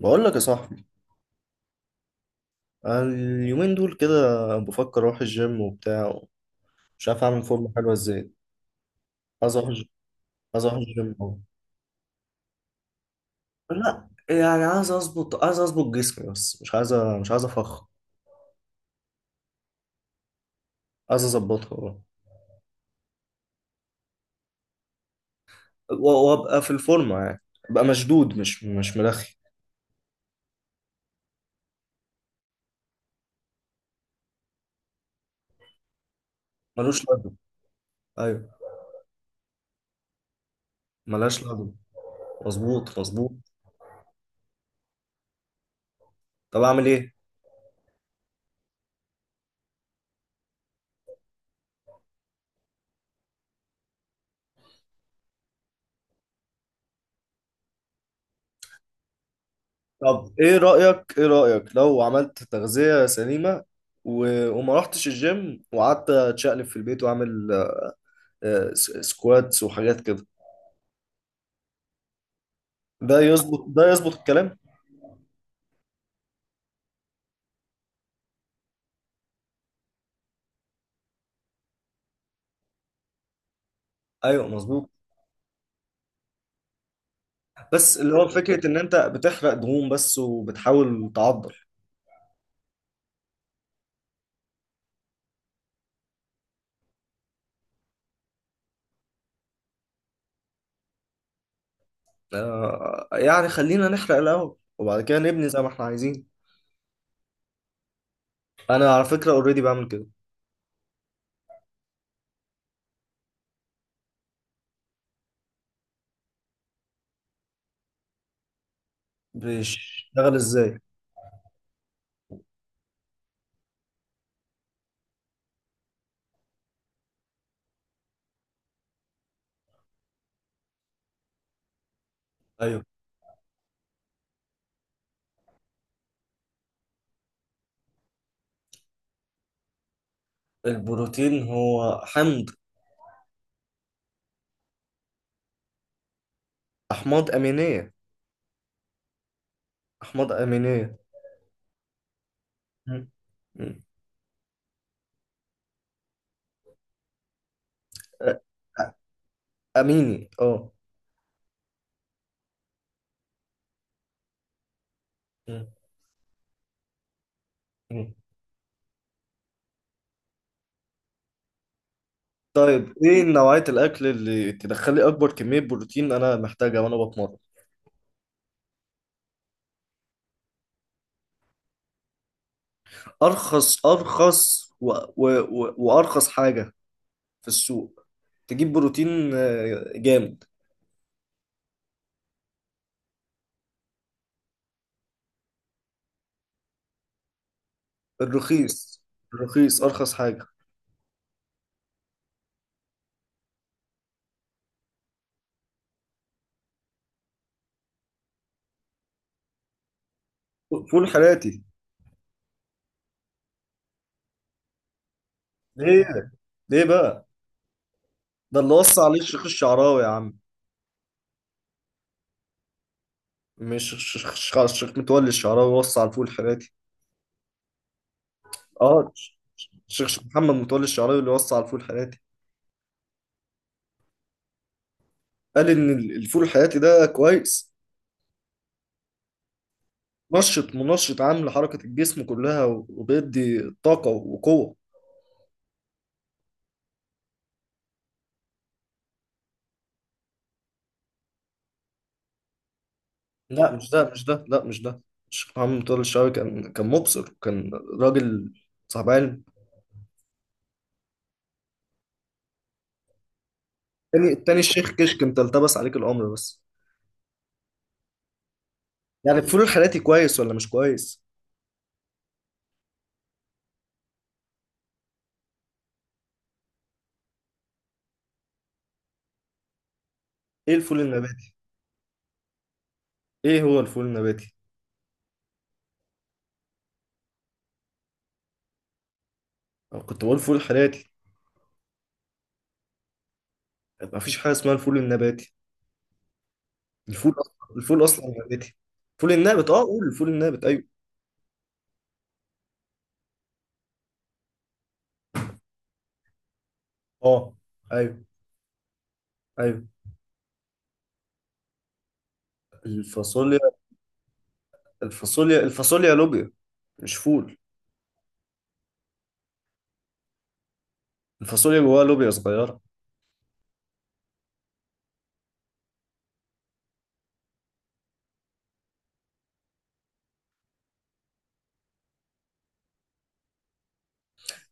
بقول لك يا صاحبي، أنا اليومين دول كده بفكر اروح الجيم وبتاع. مش عارف اعمل فورمه حلوه ازاي. عايز اروح الج- عايز اروح الجيم أوي. لا، يعني عايز اظبط جسمي، بس مش عايز افخ. عايز اظبطها، أه. و- وابقى في الفورمه، يعني ابقى مشدود، مش ملخي. ملوش لازمه. ايوه. ملهاش لازمه. مظبوط، مظبوط. طب اعمل ايه؟ طب ايه رايك لو عملت تغذيه سليمه و... وما رحتش الجيم، وقعدت اتشقلب في البيت واعمل سكواتس وحاجات كده؟ ده يظبط الكلام؟ ايوه، مظبوط. بس اللي هو فكره ان انت بتحرق دهون بس وبتحاول تعضل. يعني خلينا نحرق الاول وبعد كده نبني زي ما احنا عايزين. انا على فكره اوريدي بعمل كده. بيشتغل ازاي؟ ايوه. البروتين هو حمض. احماض امينيه. احماض امينيه. مم. مم. آه، اميني، اه. مم. مم. طيب، ايه نوعية الاكل اللي تدخل لي اكبر كمية بروتين انا محتاجها وانا بتمرن؟ ارخص وارخص حاجة في السوق تجيب بروتين جامد. الرخيص. الرخيص ارخص حاجة. فول حراتي. ليه؟ ليه بقى؟ ده اللي وصى عليه الشيخ الشعراوي يا عم. مش الشيخ متولي الشعراوي وصى على الفول الحراتي؟ اه. الشيخ محمد متولي الشعراوي اللي وصى على الفول الحراتي. قال ان الفول الحراتي ده كويس، منشط، منشط، عامل حركة الجسم كلها وبيدي طاقة وقوة. لا، مش ده، مش ده، لا، مش ده. الشيخ محمد طارق الشعبي كان مبصر، كان راجل صاحب علم. التاني الشيخ كشك، انت التبس عليك الأمر بس. يعني الفول الحراتي كويس ولا مش كويس؟ ايه الفول النباتي؟ ايه هو الفول النباتي؟ أنا كنت بقول فول حراتي. مفيش حاجة اسمها الفول النباتي. الفول أصلا نباتي. الفول النابت، اه، قول الفول النابت، ايوه. اه. ايوه. ايوه. الفاصوليا. الفاصوليا لوبيا، مش فول. الفاصوليا جواها لوبيا صغيرة.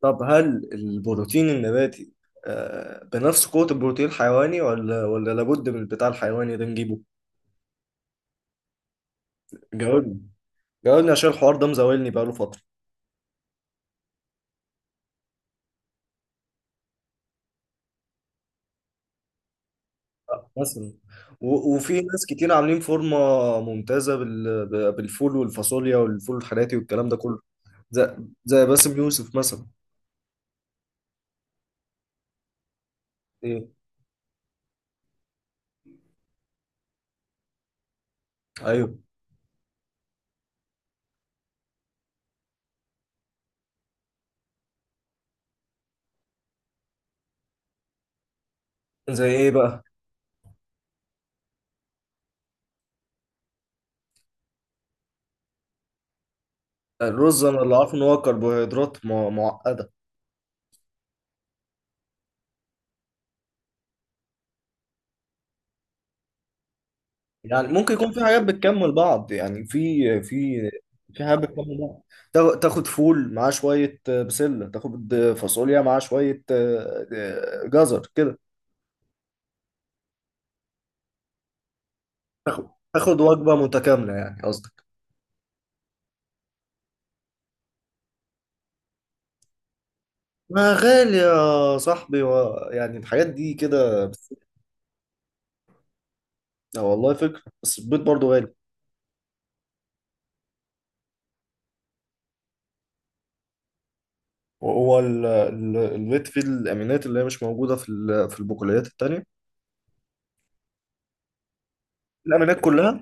طب هل البروتين النباتي بنفس قوة البروتين الحيواني ولا لابد من البتاع الحيواني ده نجيبه؟ جاوبني. جاوبني عشان الحوار ده مزاولني بقاله فترة. آه، مثلا. و- وفي ناس كتير عاملين فورمة ممتازة بال- ب- بالفول والفاصوليا والفول الحراتي والكلام ده كله. زي زي باسم يوسف مثلا. ايه. ايوه. زي ايه بقى؟ الرز انا اللي عارفه ان هو كربوهيدرات مع- معقدة. يعني ممكن يكون في حاجات بتكمل بعض، يعني في. في في حاجات بتكمل بعض. تاخد فول معاه شوية بسلة، تاخد فاصوليا معاه شوية جزر كده. تاخد وجبة متكاملة، يعني قصدك. ما غالي يا صاحبي، يعني الحاجات دي كده بس. آه، والله فكرة، بس البيض برضه غالي. وهو البيض فيه الأمينات اللي هي مش موجودة في البقوليات التانية. الأمينات كلها.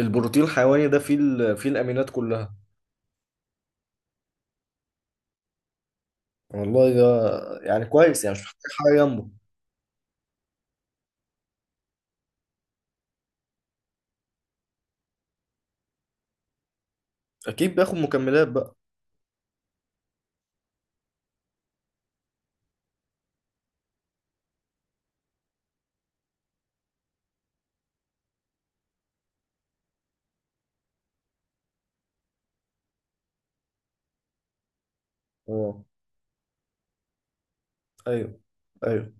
البروتين الحيواني ده فيه الأمينات كلها. والله ده يعني كويس، يعني مش محتاج حاجة جنبه. أكيد بياخد مكملات بقى. اه. أيوه. أيوه.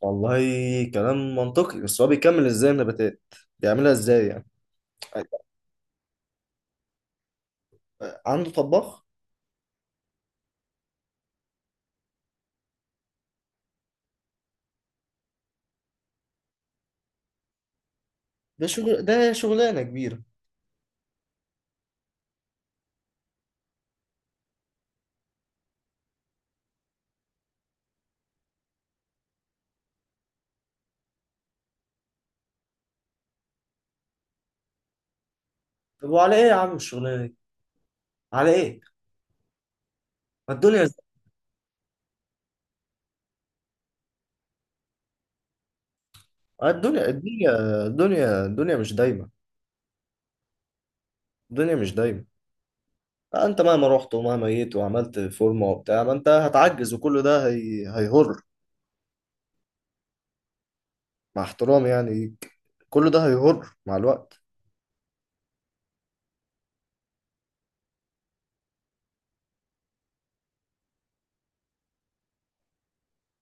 والله كلام منطقي، بس هو بيكمل إزاي النباتات؟ بيعملها إزاي يعني؟ عنده طباخ. ده شغل، ده شغلانة كبيرة. طب وعلى إيه يا عم الشغلانة دي؟ على إيه؟ ما الدنيا. الدنيا الدنيا مش دايمة. الدنيا مش دايمة. أنت مهما رحت ومهما جيت وعملت فورمة وبتاع ما أنت هتعجز، وكل ده هيهر، مع احترامي يعني. كل ده هيهر مع الوقت.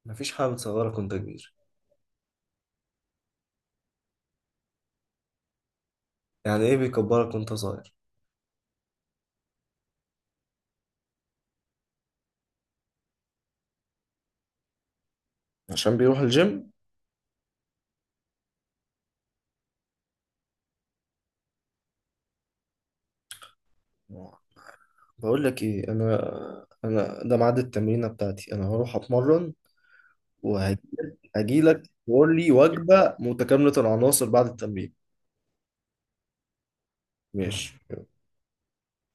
مفيش حاجة بتصغرك وانت كبير. يعني ايه بيكبرك وانت صغير؟ عشان بيروح الجيم. بقول لك ايه انا ده ميعاد التمرينه بتاعتي. انا هروح اتمرن وهجي لك تقول لي وجبه متكامله العناصر بعد التمرين. ماشي.